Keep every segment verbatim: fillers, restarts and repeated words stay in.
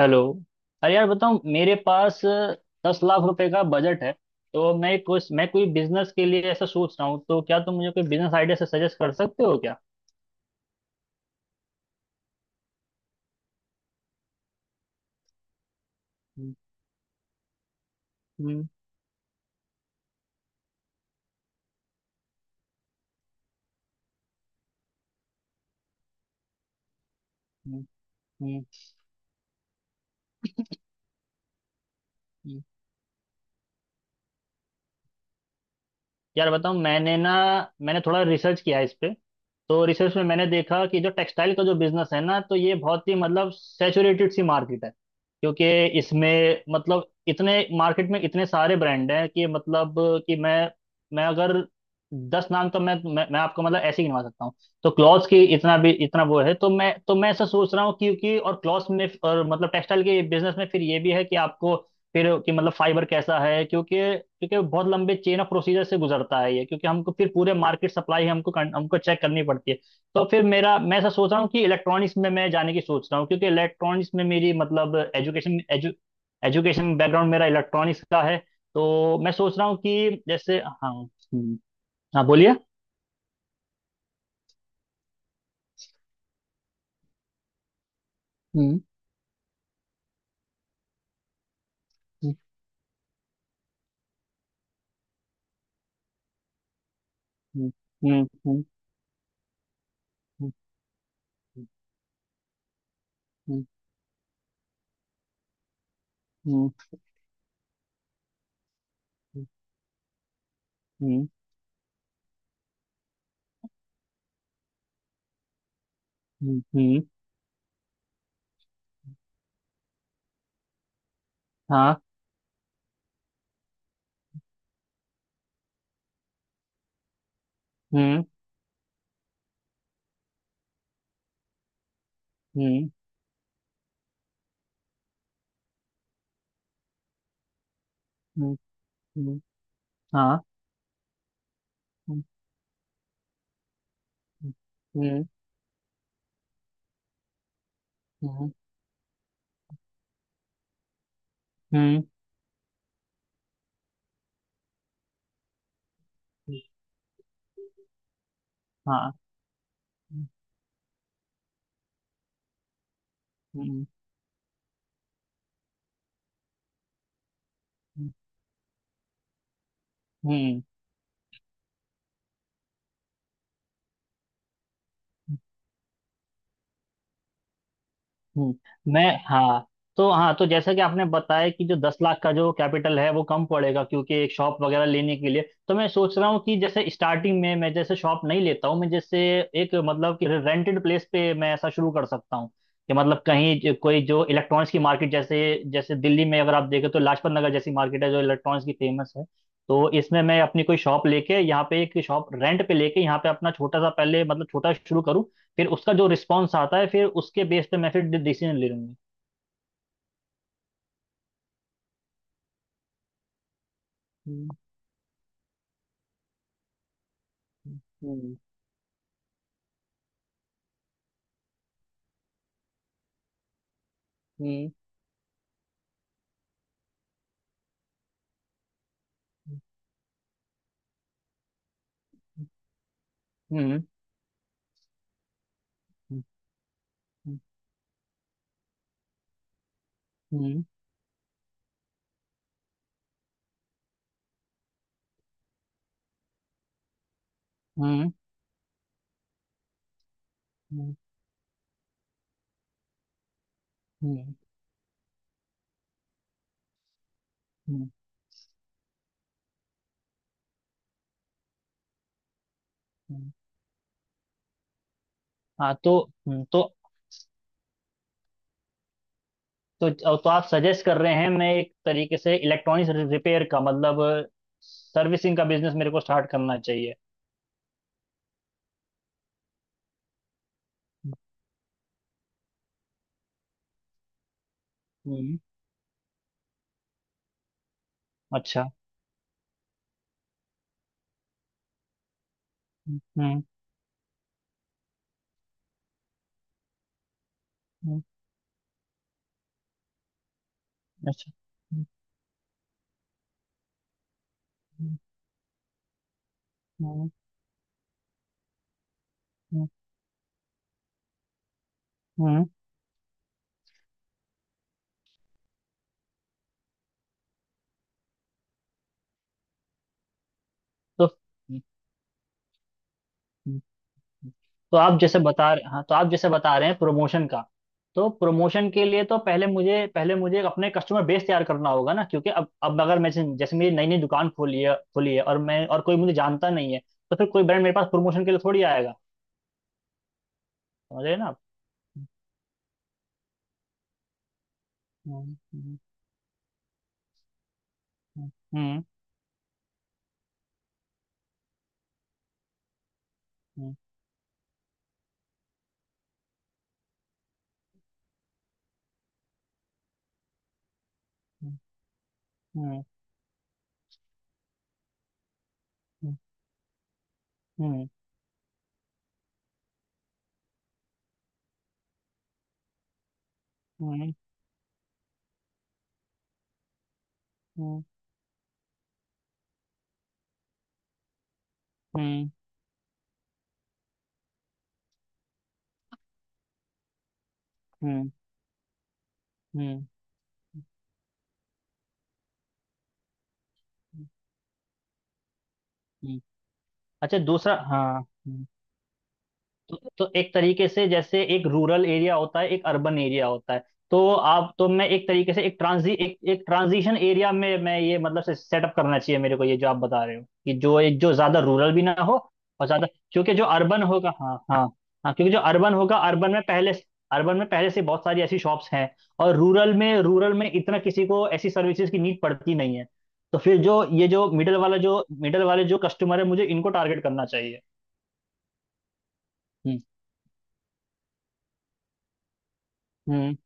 Hello. अरे यार, बताओ, मेरे पास दस लाख रुपए का बजट है। तो मैं कुछ मैं कोई बिजनेस के लिए ऐसा सोच रहा हूँ, तो क्या तुम मुझे कोई बिजनेस आइडिया से सजेस्ट कर सकते हो क्या? हम्म। हम्म। हम्म। हम्म। यार बताऊँ, मैंने ना मैंने थोड़ा रिसर्च किया इस पे। तो रिसर्च में मैंने देखा कि जो टेक्सटाइल का जो बिजनेस है ना, तो ये बहुत ही मतलब सैचुरेटेड सी मार्केट है। क्योंकि इसमें मतलब इतने मार्केट में इतने सारे ब्रांड हैं कि मतलब कि मैं मैं अगर दस नाम तो मैं मैं, मैं आपको मतलब ऐसे ही गिनवा सकता हूँ। तो क्लॉथ्स की इतना भी इतना वो है, तो मैं तो मैं ऐसा सोच रहा हूँ क्योंकि और क्लॉथ्स में और मतलब टेक्सटाइल के बिजनेस में फिर ये भी है कि आपको फिर कि मतलब फाइबर कैसा है, क्योंकि क्योंकि बहुत लंबे चेन ऑफ प्रोसीजर से गुजरता है ये, क्योंकि हमको फिर पूरे मार्केट सप्लाई हमको कन- हमको चेक करनी पड़ती है। तो फिर मेरा मैं ऐसा सोच रहा हूँ कि इलेक्ट्रॉनिक्स में मैं जाने की सोच रहा हूँ, क्योंकि इलेक्ट्रॉनिक्स में मेरी मतलब एजुकेशन एजु, एजुकेशन बैकग्राउंड मेरा इलेक्ट्रॉनिक्स का है। तो मैं सोच रहा हूँ कि, जैसे, हाँ। हम्म। हाँ, बोलिए। हम्म। हम्म। हम्म। हम्म। हम्म। हम्म। हम्म। हम्म। हम्म। हम्म। हम्म। हाँ। हम्म। हम्म। हम्म। हम्म। हाँ। हम्म। हम्म। हम्म। हम्म। हाँ। हम्म। हम्म। हम्म। हम्म। मैं। हाँ। तो हाँ, तो जैसा कि आपने बताया कि जो दस लाख का जो कैपिटल है वो कम पड़ेगा, क्योंकि एक शॉप वगैरह लेने के लिए। तो मैं सोच रहा हूँ कि जैसे स्टार्टिंग में मैं जैसे शॉप नहीं लेता हूँ, मैं जैसे एक मतलब कि रेंटेड प्लेस पे मैं ऐसा शुरू कर सकता हूँ। कि मतलब कहीं जो- कोई जो इलेक्ट्रॉनिक्स की मार्केट, जैसे जैसे दिल्ली में अगर आप देखें तो लाजपत नगर जैसी मार्केट है जो इलेक्ट्रॉनिक्स की फेमस है। तो इसमें मैं अपनी कोई शॉप लेके यहाँ पे, एक शॉप रेंट पे लेके यहाँ पे अपना छोटा सा पहले मतलब छोटा शुरू करूँ। फिर उसका जो रिस्पॉन्स आता है, फिर उसके बेस पे मैं फिर डिसीजन ले लूंगी। हम्म। हम्म। हम्म। हम्म। हम्म। हम्म। हम्म। हम्म। हम्म। हम्म। हम्म। हाँ। तो हम्म, तो तो तो आप सजेस्ट कर रहे हैं मैं एक तरीके से इलेक्ट्रॉनिक्स रिपेयर का मतलब सर्विसिंग का बिजनेस मेरे को स्टार्ट करना चाहिए। हम्म। अच्छा। हम्म। हम्म। अच्छा। हम्म। हम्म। हम्म। हम्म। तो तो आप जैसे बता रहे हाँ तो आप जैसे बता रहे हैं प्रमोशन का। तो प्रमोशन के लिए तो पहले मुझे पहले मुझे अपने कस्टमर बेस तैयार करना होगा ना, क्योंकि अब अब अगर मैं जैसे जैसे मेरी नई नई दुकान खोली है खोली है और मैं और कोई मुझे जानता नहीं है। तो फिर कोई ब्रांड मेरे पास प्रमोशन के लिए थोड़ी आएगा। समझ रहे हैं ना आप। हम्म हम्म। हम्म। हम्म। हम्म। हम्म। हम्म। हम्म। हम्म। हम्म। हम्म। हम्म। हम्म। अच्छा, दूसरा। हाँ, तो, तो एक तरीके से जैसे एक रूरल एरिया होता है, एक अर्बन एरिया होता है। तो आप तो मैं एक तरीके से एक ट्रांजी एक, एक ट्रांजिशन एरिया में मैं ये मतलब से सेटअप करना चाहिए मेरे को, ये जो आप बता रहे हो कि जो एक जो ज्यादा रूरल भी ना हो और ज्यादा। क्योंकि जो अर्बन होगा, हाँ हाँ। हाँ, क्योंकि जो अर्बन होगा, अर्बन में पहले अर्बन में पहले से बहुत सारी ऐसी शॉप्स हैं। और रूरल में रूरल में इतना किसी को ऐसी सर्विसेज की नीड पड़ती नहीं है। तो फिर जो ये जो मिडल वाला जो मिडल वाले जो कस्टमर है, मुझे इनको टारगेट करना चाहिए। हम्म। हम्म।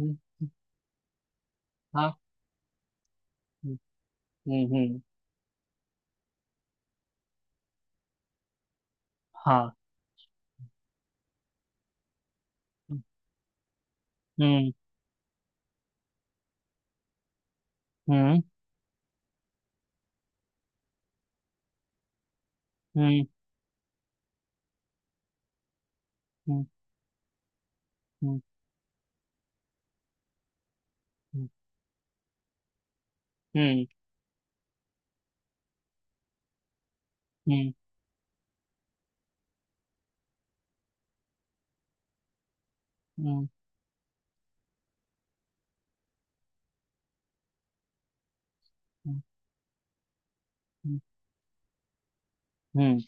हम्म। हाँ। हम्म। हम्म। हम्म। हाँ। हम्म। हम्म। हम्म। हम्म। हम्म। हम्म। हम्म। हम्म। हम्म। हम्म। हम्म।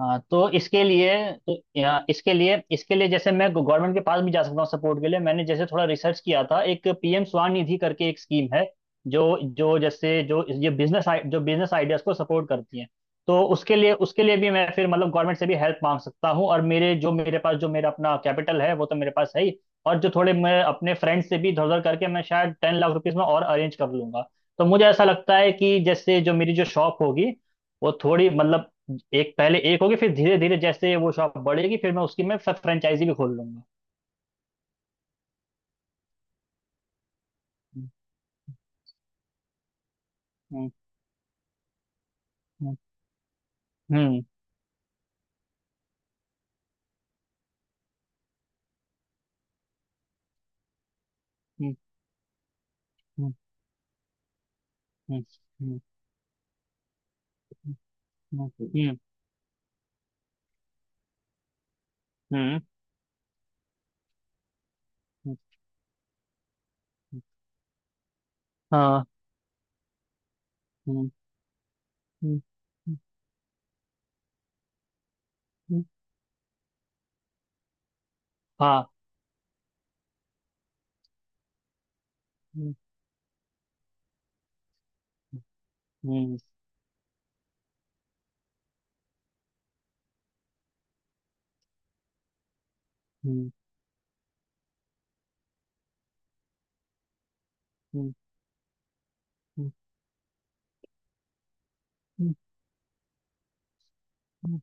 हाँ, तो इसके लिए तो या, इसके लिए इसके लिए जैसे मैं गवर्नमेंट के पास भी जा सकता हूँ सपोर्ट के लिए। मैंने जैसे थोड़ा रिसर्च किया था, एक पी एम स्वनिधि करके एक स्कीम है। जो जो जैसे जो ये बिजनेस जो बिजनेस आइडियाज को सपोर्ट करती है। तो उसके लिए उसके लिए भी मैं फिर मतलब गवर्नमेंट से भी हेल्प मांग सकता हूँ, और मेरे जो मेरे पास जो मेरा अपना कैपिटल है वो तो मेरे पास है ही। और जो थोड़े मैं अपने फ्रेंड्स से भी इधर उधर करके मैं शायद टेन लाख रुपीज में और अरेंज कर लूंगा। तो मुझे ऐसा लगता है कि जैसे जो मेरी जो शॉप होगी वो थोड़ी मतलब एक पहले एक होगी, फिर धीरे धीरे जैसे वो शॉप बढ़ेगी, फिर मैं उसकी मैं फ्रेंचाइजी भी खोल लूंगा। हम्म। हम्म। हम्म। हम्म। हम्म। हम्म। हम्म। हम्म। हम्म। हम्म। हम्म। हम्म। हम्म। हाँ। हम्म। हम्म। हम्म। हम्म। हाँ। हम्म। हम्म। हम्म। हम्म। हम्म।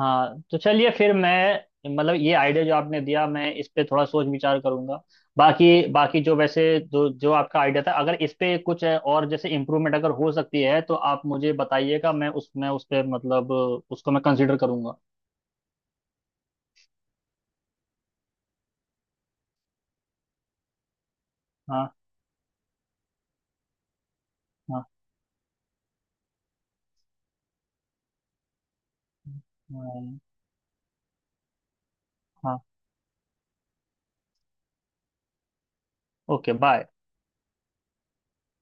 हाँ, तो चलिए फिर मैं मतलब ये आइडिया जो आपने दिया मैं इस पे थोड़ा सोच विचार करूंगा। बाकी बाकी जो वैसे जो जो आपका आइडिया था, अगर इस पे कुछ है और जैसे इम्प्रूवमेंट अगर हो सकती है तो आप मुझे बताइएगा, मैं उसमें उस पे मतलब उसको मैं कंसिडर करूंगा। हाँ। हाँ। हाँ। हाँ। Okay, bye.